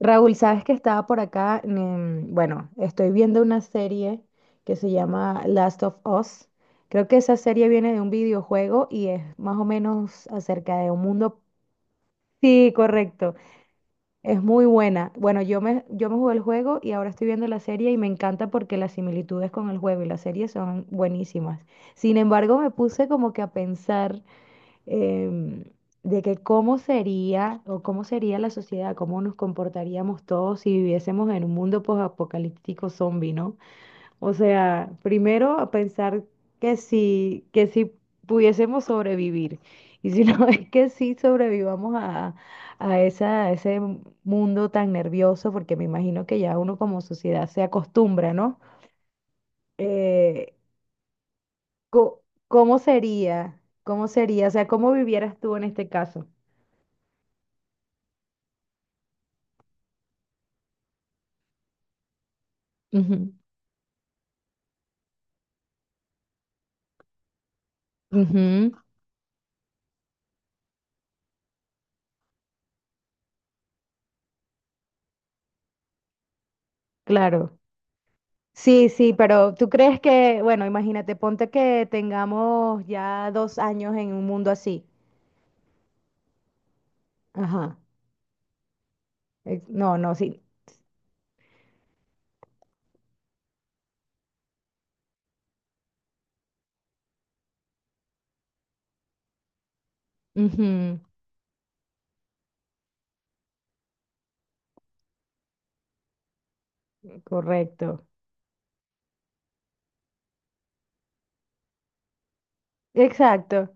Raúl, sabes que estaba por acá, bueno, estoy viendo una serie que se llama Last of Us. Creo que esa serie viene de un videojuego y es más o menos acerca de un mundo. Sí, correcto. Es muy buena. Bueno, yo me jugué el juego y ahora estoy viendo la serie y me encanta porque las similitudes con el juego y la serie son buenísimas. Sin embargo, me puse como que a pensar em, de que cómo sería o cómo sería la sociedad, cómo nos comportaríamos todos si viviésemos en un mundo posapocalíptico zombie, ¿no? O sea, primero a pensar que si pudiésemos sobrevivir y si no es que sí sobrevivamos a esa, a ese mundo tan nervioso, porque me imagino que ya uno como sociedad se acostumbra, ¿no? Eh, co- ¿Cómo sería? ¿Cómo sería? O sea, ¿cómo vivieras tú en este caso? Ujú. Ujú, claro. Sí, sí, pero tú crees que, bueno, imagínate, ponte que tengamos ya 2 años en un mundo así. Ajá. No, no, sí. Ujú, correcto. Exacto.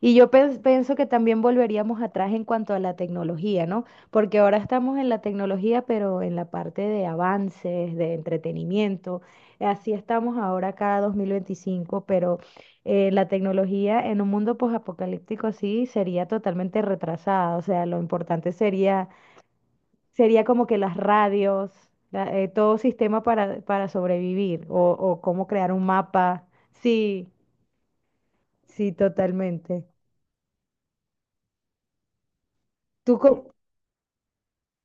Y yo pienso que también volveríamos atrás en cuanto a la tecnología, ¿no? Porque ahora estamos en la tecnología, pero en la parte de avances, de entretenimiento. Así estamos ahora cada 2025, pero la tecnología en un mundo posapocalíptico sí sería totalmente retrasada. O sea, lo importante sería, sería como que las radios, todo sistema para sobrevivir o cómo crear un mapa. Sí, sí, totalmente. ¿Tú, co-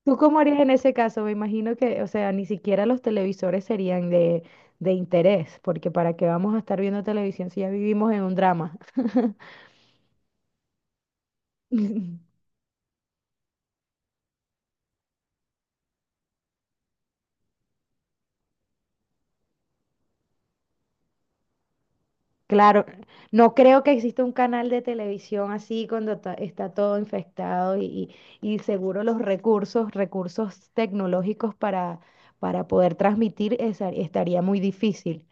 ¿Tú cómo harías en ese caso? Me imagino que, o sea, ni siquiera los televisores serían de interés, porque ¿para qué vamos a estar viendo televisión si ya vivimos en un drama? Claro, no creo que exista un canal de televisión así cuando está todo infectado y, y seguro recursos tecnológicos para poder transmitir estaría muy difícil.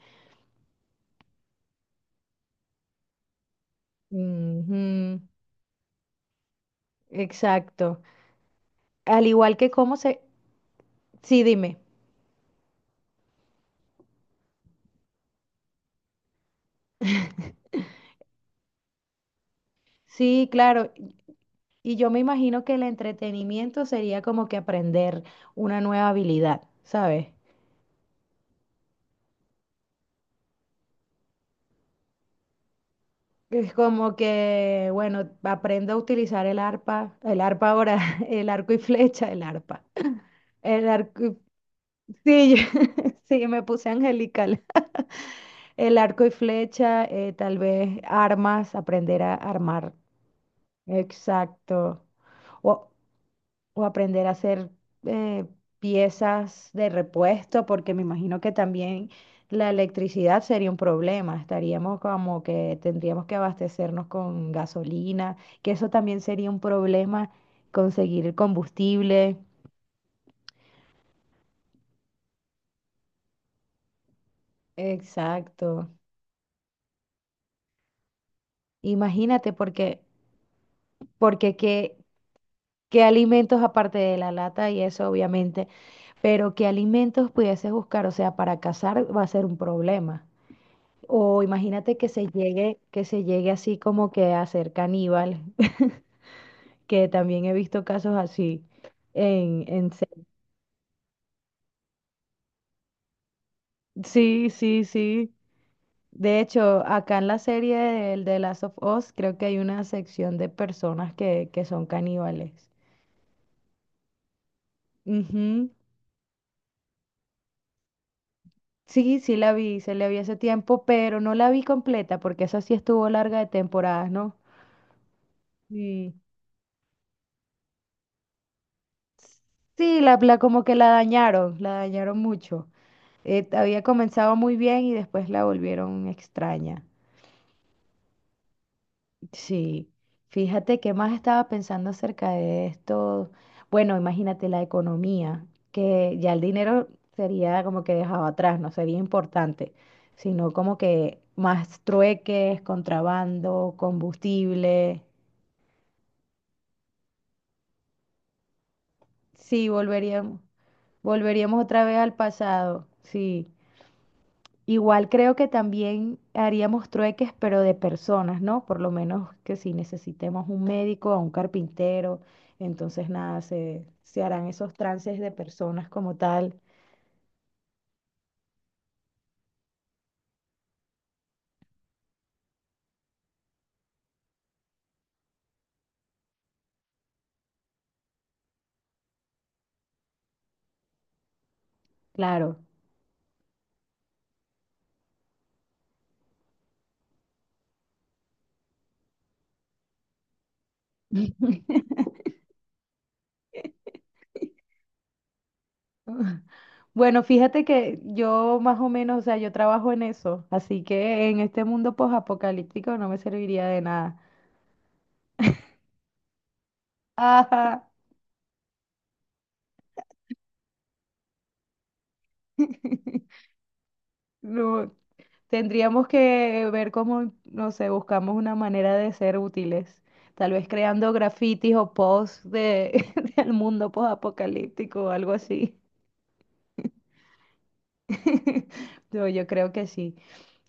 Ujú, exacto. Al igual que cómo se... Sí, dime. Sí, claro. Y yo me imagino que el entretenimiento sería como que aprender una nueva habilidad, ¿sabes? Es como que, bueno, aprendo a utilizar el arpa ahora, el arco y flecha, el arpa. El arco y... Sí, sí, me puse angelical. El arco y flecha, tal vez armas, aprender a armar. Exacto. O- o aprender a hacer eh, piezas de repuesto, porque me imagino que también la electricidad sería un problema. Estaríamos como que tendríamos que abastecernos con gasolina, que eso también sería un problema conseguir el combustible. Exacto. Imagínate, porque, porque qué, qué alimentos aparte de la lata y eso, obviamente, pero qué alimentos pudieses buscar, o sea, para cazar va a ser un problema. O imagínate que se llegue así como que a ser caníbal, que también he visto casos así en, sí, sí, sí. De hecho, acá en la serie del de Last of Us, creo que hay una sección de personas que son caníbales. Ujú. Sí, sí la vi, se la vi hace tiempo, pero no la vi completa porque esa sí estuvo larga de temporadas, ¿no? Sí. Sí, la como que la dañaron mucho. Había comenzado muy bien y después la volvieron extraña. Sí, fíjate que más estaba pensando acerca de esto. Bueno, imagínate la economía, que ya el dinero sería como que dejado atrás, no sería importante, sino como que más trueques, contrabando, combustible. Sí, volveríamos, volveríamos otra vez al pasado, sí. Igual creo que también haríamos trueques, pero de personas, ¿no? Por lo menos que si necesitemos un médico o un carpintero, entonces nada, se harán esos trances de personas como tal, claro. Bueno, fíjate que yo más o menos, o sea, yo trabajo en eso, así que en este mundo posapocalíptico no me serviría de nada. Ajá, no, tendríamos que ver cómo, no sé, buscamos una manera de ser útiles. Tal vez creando grafitis o posts de, del mundo post-apocalíptico o algo así. Yo creo que sí.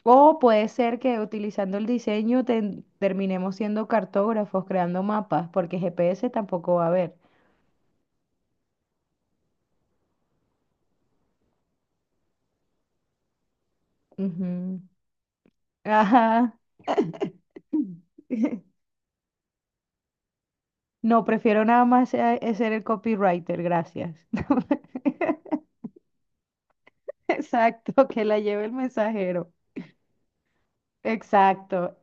O puede ser que utilizando el diseño terminemos siendo cartógrafos, creando mapas, porque GPS tampoco va a haber. Ujú. Ajá. No, prefiero nada más ser el copywriter, gracias. Exacto, que la lleve el mensajero. Exacto,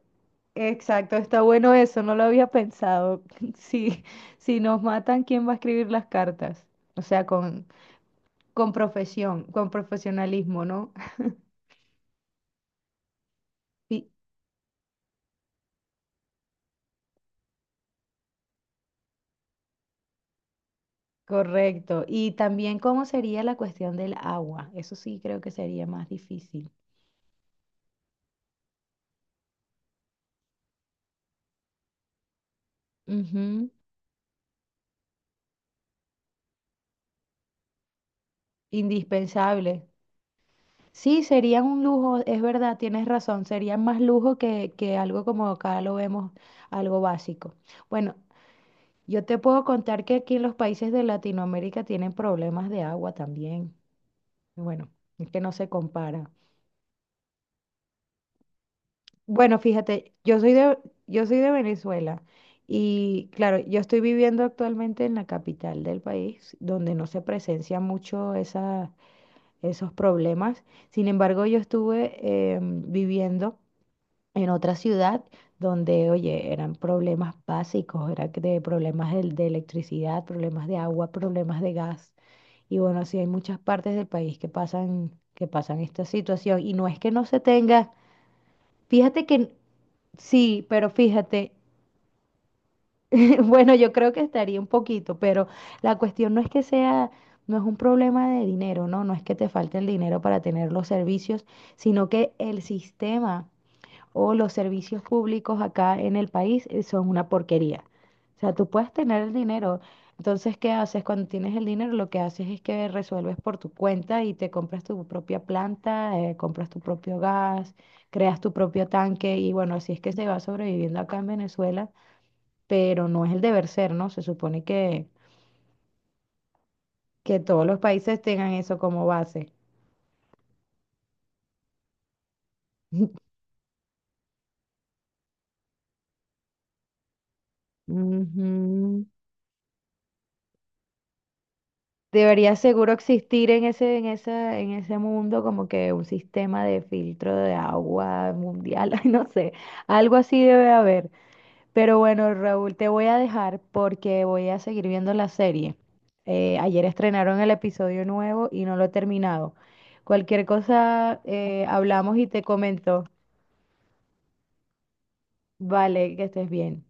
exacto, está bueno eso, no lo había pensado. Si, si nos matan, ¿quién va a escribir las cartas? O sea, con profesión, con profesionalismo, ¿no? Sí, correcto. Y también cómo sería la cuestión del agua. Eso sí creo que sería más difícil. Ujú, indispensable. Sí, sería un lujo, es verdad, tienes razón, sería más lujo que algo como acá lo vemos, algo básico. Bueno, yo te puedo contar que aquí en los países de Latinoamérica tienen problemas de agua también. Y bueno, es que no se compara. Bueno, fíjate, yo soy de Venezuela y claro, yo estoy viviendo actualmente en la capital del país, donde no se presencian mucho esos problemas. Sin embargo, yo estuve viviendo en otra ciudad donde, oye, eran problemas básicos, era que de problemas de electricidad, problemas de agua, problemas de gas. Y bueno, así hay muchas partes del país que pasan esta situación. Y no es que no se tenga, fíjate que sí, pero fíjate, bueno, yo creo que estaría un poquito, pero la cuestión no es que sea, no es un problema de dinero, ¿no? No es que te falte el dinero para tener los servicios, sino que el sistema o los servicios públicos acá en el país son una porquería. O sea, tú puedes tener el dinero. Entonces, ¿qué haces? Cuando tienes el dinero, lo que haces es que resuelves por tu cuenta y te compras tu propia planta, compras tu propio gas, creas tu propio tanque y bueno, así es que se va sobreviviendo acá en Venezuela, pero no es el deber ser, ¿no? Se supone que todos los países tengan eso como base. Ujú. Debería seguro existir en ese, en esa, en ese mundo como que un sistema de filtro de agua mundial, ay, no sé, algo así debe haber. Pero bueno, Raúl, te voy a dejar porque voy a seguir viendo la serie. Ayer estrenaron el episodio nuevo y no lo he terminado. Cualquier cosa, hablamos y te comento. Vale, que estés bien.